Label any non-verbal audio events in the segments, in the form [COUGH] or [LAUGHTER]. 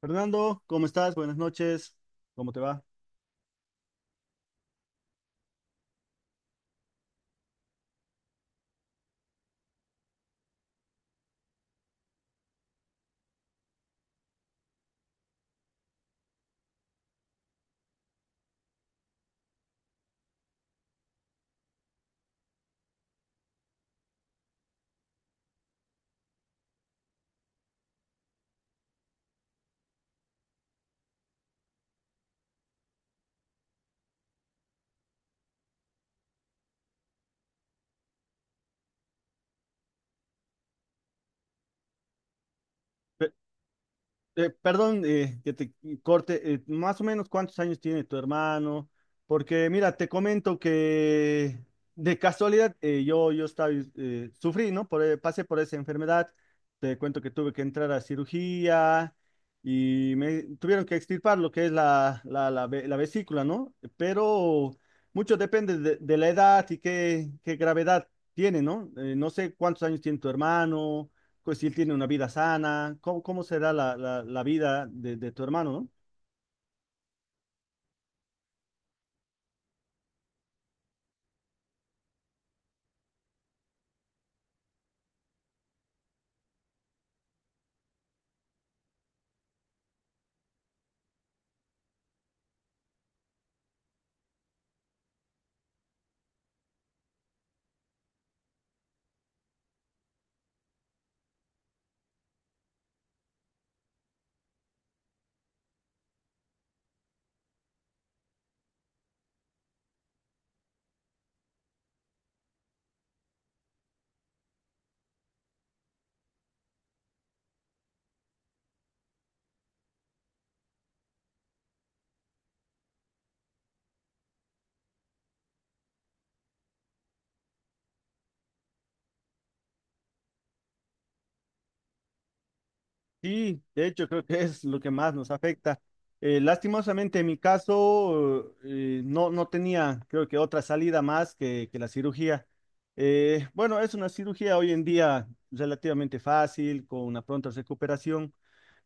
Fernando, ¿cómo estás? Buenas noches. ¿Cómo te va? Fe- perdón que te corte, más o menos cuántos años tiene tu hermano, porque mira, te comento que de casualidad yo estaba, sufrí, ¿no? Pasé por esa enfermedad, te cuento que tuve que entrar a cirugía y me tuvieron que extirpar lo que es la vesícula, ¿no? Pero mucho depende de la edad y qué gravedad tiene, ¿no? No sé cuántos años tiene tu hermano, pues si él tiene una vida sana, cómo será la vida de tu hermano, no? Sí, de hecho creo que es lo que más nos afecta. Lastimosamente en mi caso no, no tenía creo que otra salida más que la cirugía. Bueno, es una cirugía hoy en día relativamente fácil, con una pronta recuperación.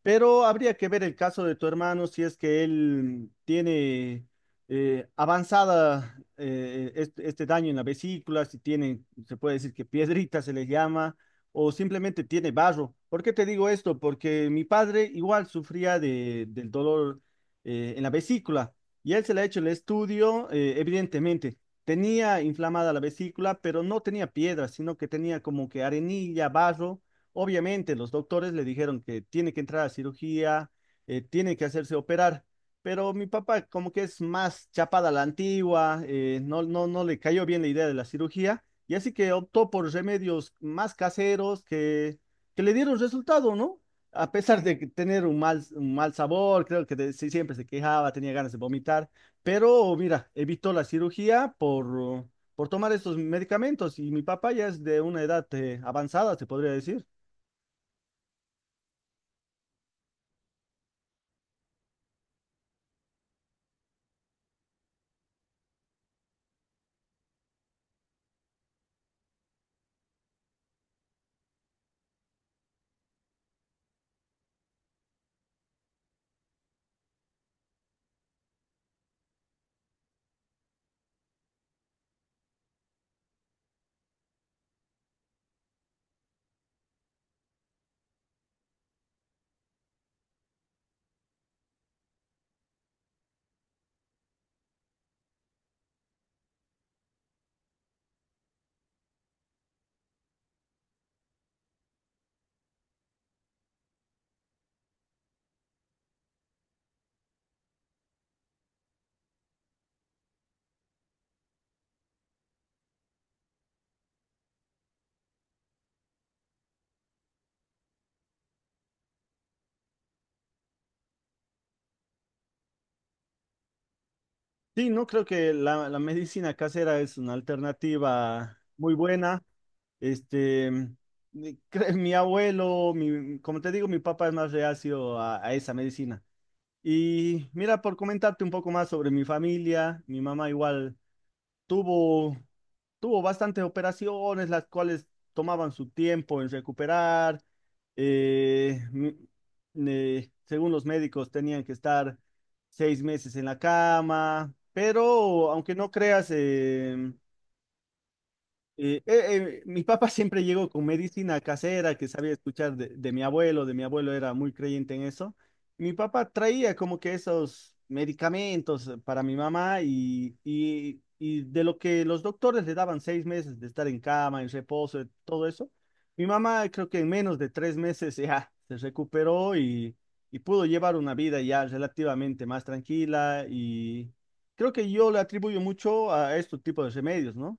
Pero habría que ver el caso de tu hermano si es que él tiene avanzada este daño en la vesícula, si tiene, se puede decir que piedrita se le llama, o simplemente tiene barro. ¿Por qué te digo esto? Porque mi padre igual sufría del dolor en la vesícula y él se le ha hecho el estudio, evidentemente. Tenía inflamada la vesícula, pero no tenía piedra, sino que tenía como que arenilla, barro. Obviamente, los doctores le dijeron que tiene que entrar a cirugía, tiene que hacerse operar, pero mi papá como que es más chapada a la antigua, no le cayó bien la idea de la cirugía, y así que optó por remedios más caseros que le dieron resultado, ¿no? A pesar de que tener un mal sabor, creo que sí, siempre se quejaba, tenía ganas de vomitar, pero mira, evitó la cirugía por tomar estos medicamentos, y mi papá ya es de una edad avanzada, se podría decir. Sí, no creo que la medicina casera es una alternativa muy buena. Este, mi [LAUGHS] mi abuelo, mi, como te digo, mi papá es más reacio a esa medicina. Y mira, por comentarte un poco más sobre mi familia, mi mamá igual tuvo tuvo bastantes operaciones, las cuales tomaban su tiempo en recuperar. eh, m- Según los médicos, tenían que estar seis meses en la cama, pero aunque no creas, eh, eh, mi papá siempre llegó con medicina casera que sabía escuchar de mi abuelo era muy creyente en eso. Mi papá traía como que esos medicamentos para mi mamá, y de lo que los doctores le daban seis meses de estar en cama, en reposo, todo eso, mi mamá creo que en menos de tres meses ya [LAUGHS] se recuperó, y pudo llevar una vida ya relativamente más tranquila, y creo que yo le atribuyo mucho a estos tipos de remedios, ¿no?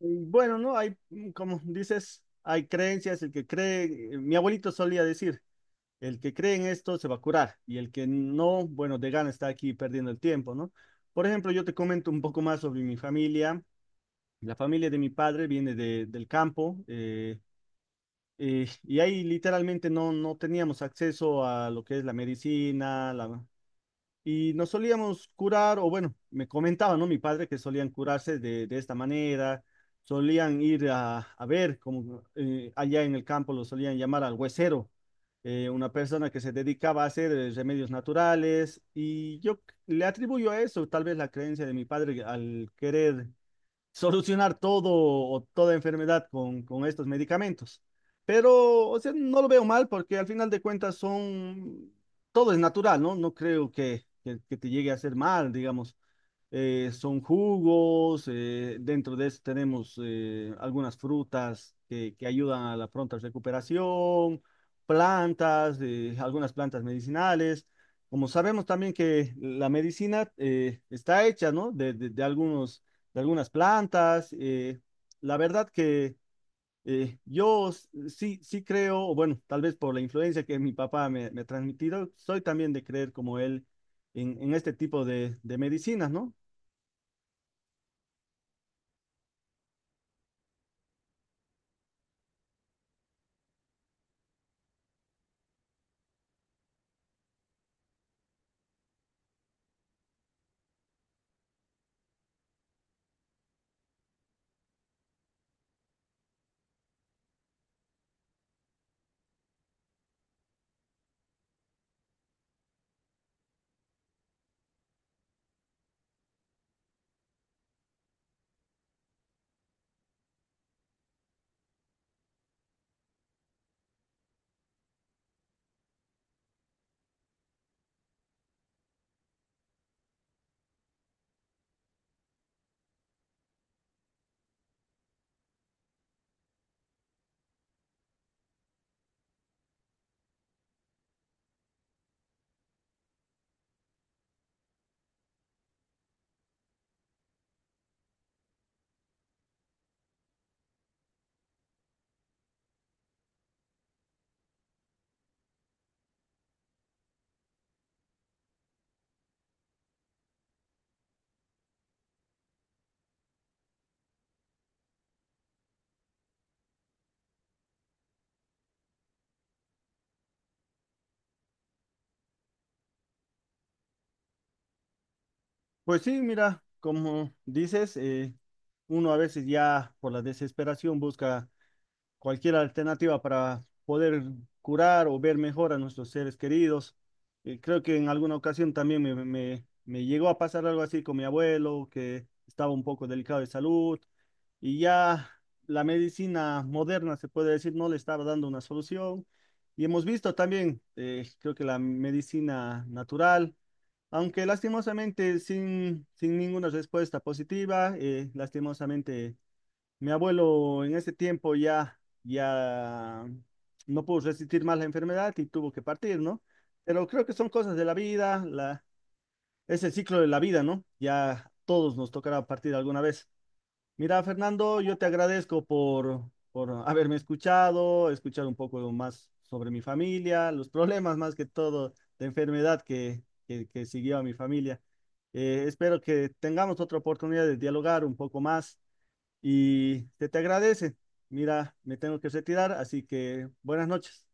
Y bueno, ¿no? Hay, mm, como dices, hay creencias, el que cree, mi abuelito solía decir, el que cree en esto se va a curar y el que no, bueno, de gana está aquí perdiendo el tiempo, ¿no? Por ejemplo, yo te comento un poco más sobre mi familia. La familia de mi padre viene del campo, y ahí literalmente no, no teníamos acceso a lo que es la medicina, la, y nos solíamos curar, o bueno, me comentaba, ¿no? Mi padre que solían curarse de esta manera, solían ir a ver, como allá en el campo lo solían llamar al huesero, una persona que se dedicaba a hacer remedios naturales, y le atribuyo a eso, tal vez la creencia de mi padre al querer solucionar todo o toda enfermedad con estos medicamentos. Pero, o sea, no lo veo mal porque al final de cuentas son, todo es natural, ¿no? No creo que te llegue a hacer mal, digamos. Son jugos, dentro de eso tenemos algunas frutas que ayudan a la pronta recuperación, plantas, algunas plantas medicinales. Como sabemos también que la medicina está hecha, ¿no? De algunos de algunas plantas. La verdad que yo sí creo, bueno, tal vez por la influencia que mi papá me ha transmitido, soy también de creer como él en este tipo de medicinas, ¿no? Pues sí, mira, como dices, uno a veces ya por la desesperación busca cualquier alternativa para poder curar o ver mejor a nuestros seres queridos. Creo que en alguna ocasión también me llegó a pasar algo así con mi abuelo, que estaba un poco delicado de salud y ya la medicina moderna, se puede decir, no le estaba dando una solución. Y hemos visto también, creo que la medicina natural, aunque lastimosamente sin ninguna respuesta positiva, lastimosamente mi abuelo en ese tiempo ya no pudo resistir más la enfermedad y tuvo que partir, ¿no? Pero creo que son cosas de la vida, la, es el ciclo de la vida, ¿no? Ya todos nos tocará partir alguna vez. Mira, Fernando, yo te agradezco por haberme escuchado, escuchar un poco más sobre mi familia, los problemas más que todo de enfermedad que siguió a mi familia. Espero que tengamos otra oportunidad de dialogar un poco más y se te agradece. Mira, me tengo que retirar, así que buenas noches.